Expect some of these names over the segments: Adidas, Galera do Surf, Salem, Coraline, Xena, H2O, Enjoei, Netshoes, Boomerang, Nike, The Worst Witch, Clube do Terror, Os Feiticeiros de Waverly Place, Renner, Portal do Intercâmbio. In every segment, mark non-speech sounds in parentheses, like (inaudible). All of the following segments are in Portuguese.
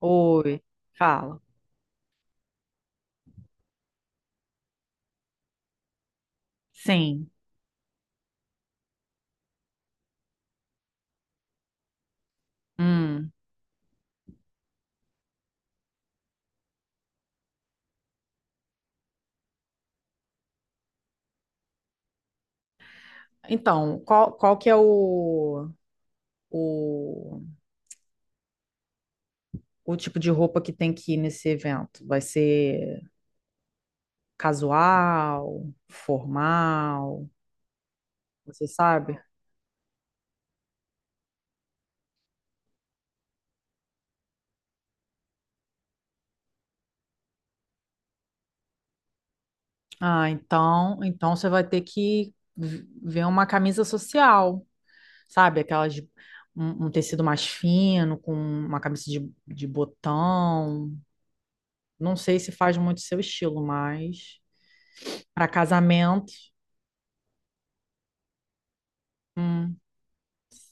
Oi, fala. Sim. Hum. Então, qual que é o, o tipo de roupa que tem que ir nesse evento? Vai ser casual, formal, você sabe? Ah, então você vai ter que ver uma camisa social, sabe? Aquelas um tecido mais fino, com uma camisa de botão. Não sei se faz muito seu estilo, mas para casamento.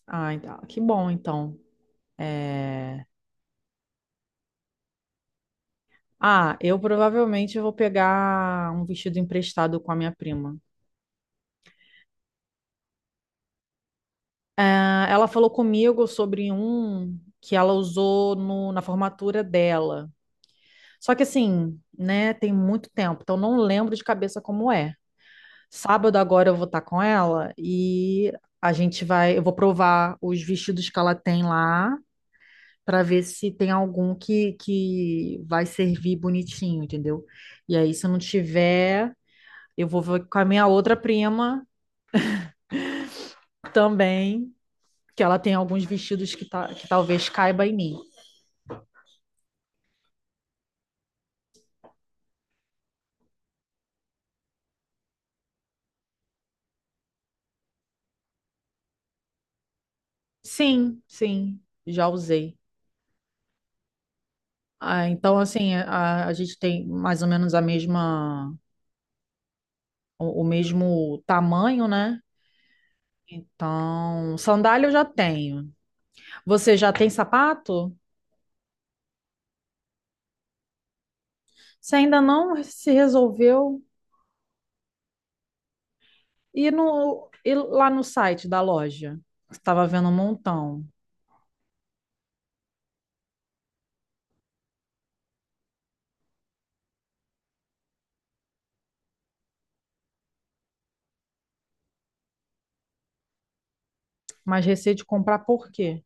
Ah, então, que bom, então. É, ah, eu provavelmente vou pegar um vestido emprestado com a minha prima. É, ela falou comigo sobre um que ela usou na formatura dela. Só que assim, né, tem muito tempo, então não lembro de cabeça como é. Sábado agora eu vou estar com ela e eu vou provar os vestidos que ela tem lá para ver se tem algum que vai servir bonitinho, entendeu? E aí, se não tiver, eu vou ver com a minha outra prima também, que ela tem alguns vestidos que talvez caiba em mim. Sim, sim, já usei. Ah, então, assim, a gente tem mais ou menos o mesmo tamanho, né? Então, sandália eu já tenho. Você já tem sapato? Você ainda não se resolveu? E lá no site da loja? Estava vendo um montão. Mas receio de comprar por quê?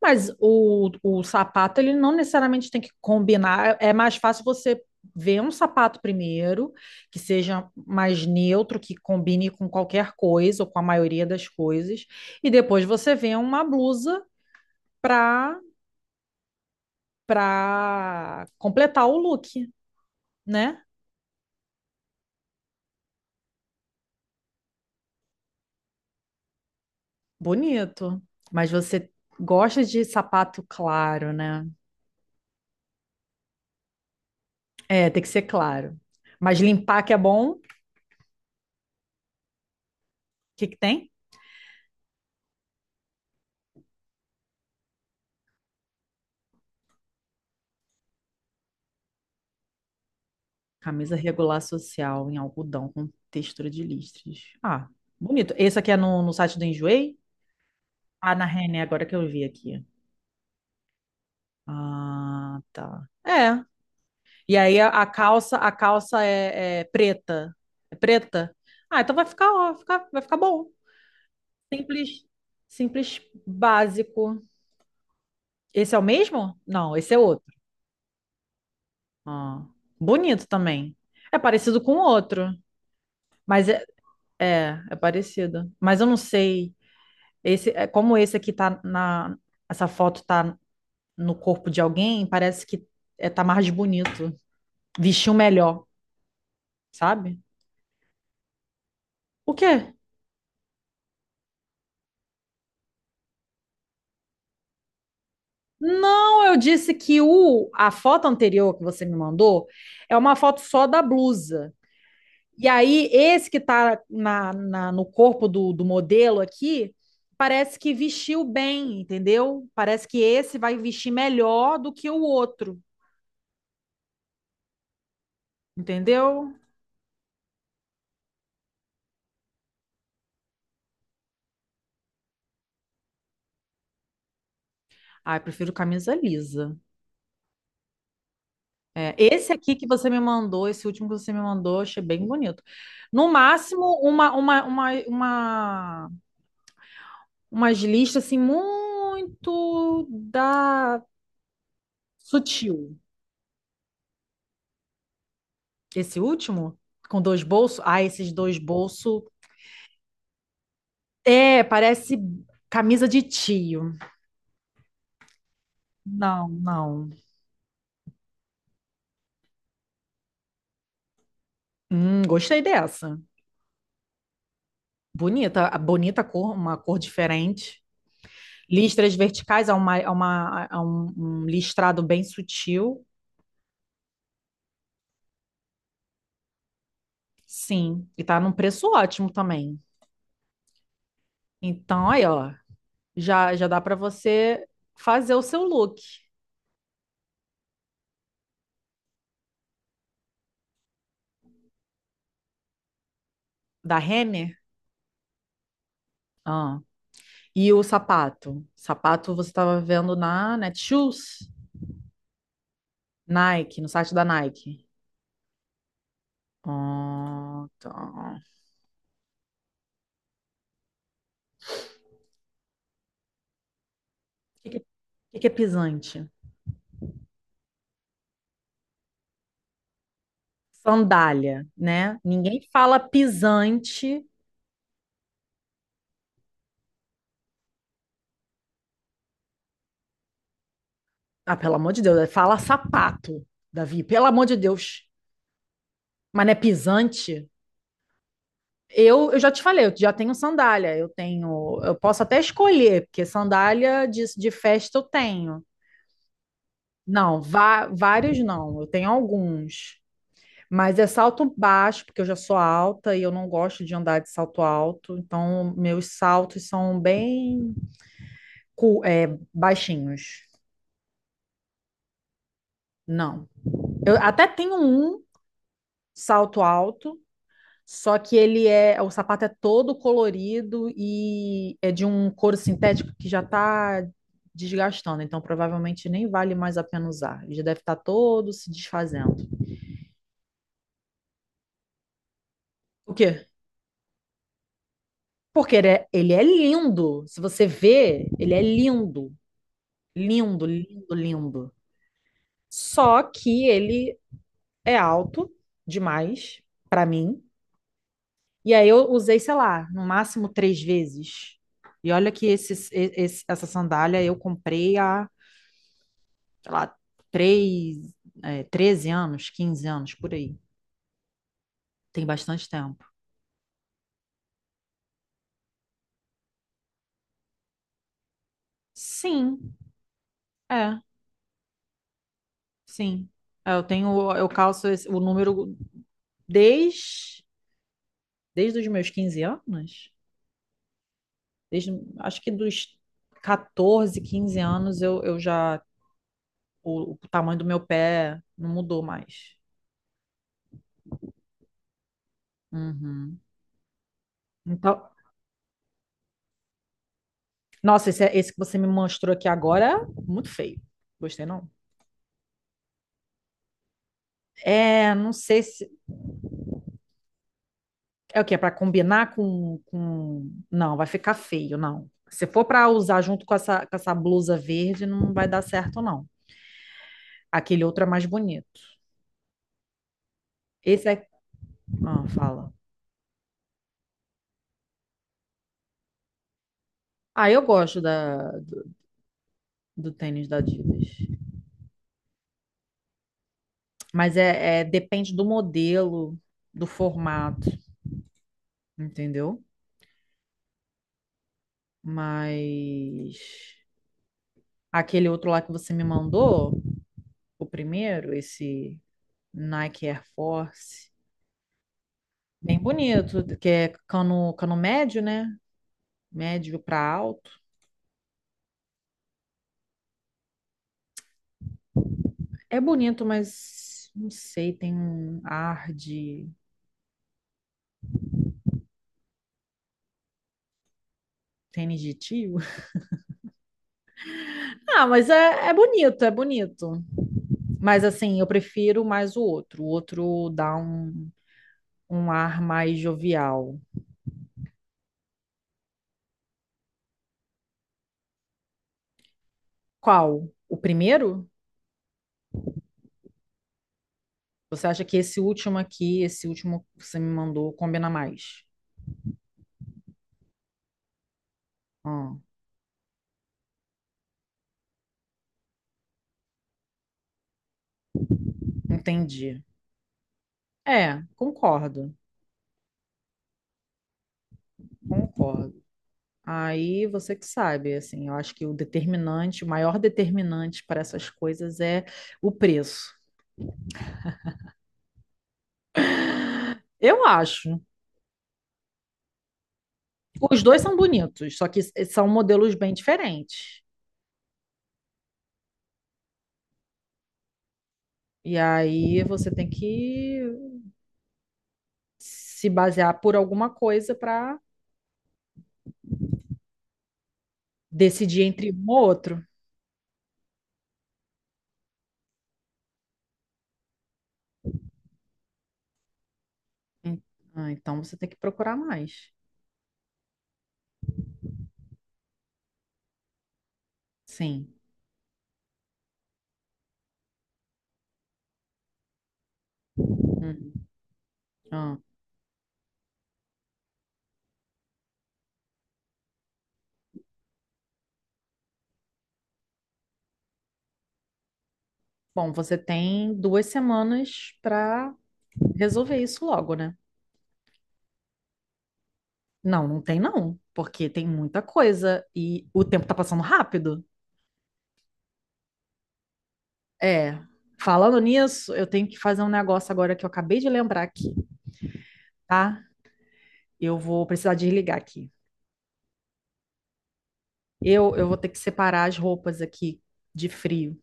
Mas o sapato, ele não necessariamente tem que combinar. É mais fácil você ver um sapato primeiro, que seja mais neutro, que combine com qualquer coisa ou com a maioria das coisas. E depois você vê uma blusa para para completar o look, né? Bonito. Mas você gosta de sapato claro, né? É, tem que ser claro. Mas limpar que é bom, o que que tem? Camisa regular social em algodão com textura de listras. Ah, bonito. Esse aqui é no site do Enjoei? Ah, na René, agora que eu vi aqui. Ah, tá. É. E aí a calça, a calça é preta. É preta? Ah, então vai ficar, ó, vai ficar bom. Simples, simples, básico. Esse é o mesmo? Não, esse é outro. Ah, bonito também. É parecido com o outro. Mas é parecido. Mas eu não sei. Como esse aqui tá na. Essa foto tá no corpo de alguém, parece que tá mais bonito. Vestiu melhor, sabe? O quê? Não, eu disse que a foto anterior que você me mandou é uma foto só da blusa. E aí, esse que tá no corpo do modelo aqui, parece que vestiu bem, entendeu? Parece que esse vai vestir melhor do que o outro, entendeu? Ah, eu prefiro camisa lisa. É, esse aqui que você me mandou, esse último que você me mandou, eu achei bem bonito. No máximo, umas listas assim, muito da sutil. Esse último, com dois bolsos. Ah, esses dois bolsos. É, parece camisa de tio. Não, não. Gostei dessa. Bonita, a bonita cor, uma cor diferente. Listras verticais um listrado bem sutil, sim. E tá num preço ótimo também. Então, aí, ó, já dá para você fazer o seu look da Renner. Ah. E o sapato? Sapato você estava vendo na Netshoes? Nike, no site da Nike. Ah, tá. O que que- é o que que é pisante? Sandália, né? Ninguém fala pisante. Ah, pelo amor de Deus, é fala sapato, Davi, pelo amor de Deus. Mas não é pisante? Eu já te falei, eu já tenho sandália, eu posso até escolher, porque sandália de festa eu tenho. Não, vários não, eu tenho alguns. Mas é salto baixo, porque eu já sou alta e eu não gosto de andar de salto alto, então meus saltos são bem cu- é, baixinhos. Não. Eu até tenho um salto alto. Só que o sapato é todo colorido e é de um couro sintético que já está desgastando, então provavelmente nem vale mais a pena usar. Ele já deve estar todo se desfazendo. O quê? Porque ele é lindo. Se você vê, ele é lindo. Lindo, lindo, lindo. Só que ele é alto demais para mim. E aí eu usei, sei lá, no máximo 3 vezes. E olha que essa sandália eu comprei há sei lá, 3, 13 anos, 15 anos, por aí. Tem bastante tempo. Sim, é, sim. É, eu calço o número desde, desde os meus 15 anos. Desde, acho que dos 14, 15 anos, o tamanho do meu pé não mudou mais. Uhum. Então, nossa, esse que você me mostrou aqui agora é muito feio. Gostei, não? É, não sei se. É o quê? É para combinar com. Não, vai ficar feio, não. Se for para usar junto com essa, blusa verde, não vai dar certo, não. Aquele outro é mais bonito. Esse é. Ah, fala. Ah, eu gosto do tênis da Adidas. Mas depende do modelo, do formato, entendeu? Mas aquele outro lá que você me mandou, o primeiro, esse Nike Air Force, bem bonito, que é cano médio, né? Médio para alto. É bonito, mas não sei, tem um ar de tênis de tio. (laughs) Ah, mas é bonito, é bonito. Mas assim, eu prefiro mais o outro. O outro dá um ar mais jovial. Qual? O primeiro? Você acha que esse último aqui, esse último que você me mandou, combina mais? Ah, entendi. É, concordo, concordo. Aí você que sabe, assim, eu acho que o maior determinante para essas coisas é o preço. Eu acho. Os dois são bonitos, só que são modelos bem diferentes. E aí você tem que se basear por alguma coisa para decidir entre um ou outro. En- Então você tem que procurar mais. Sim. Hum. Ah. Bom, você tem 2 semanas para resolver isso logo, né? Não, não tem não, porque tem muita coisa e o tempo tá passando rápido. É. Falando nisso, eu tenho que fazer um negócio agora que eu acabei de lembrar aqui, tá? Eu vou precisar desligar aqui. Eu vou ter que separar as roupas aqui de frio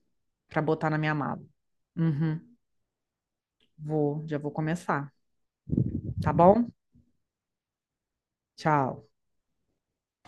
pra botar na minha mala. Uhum. Vou, já vou começar, tá bom? Tchau.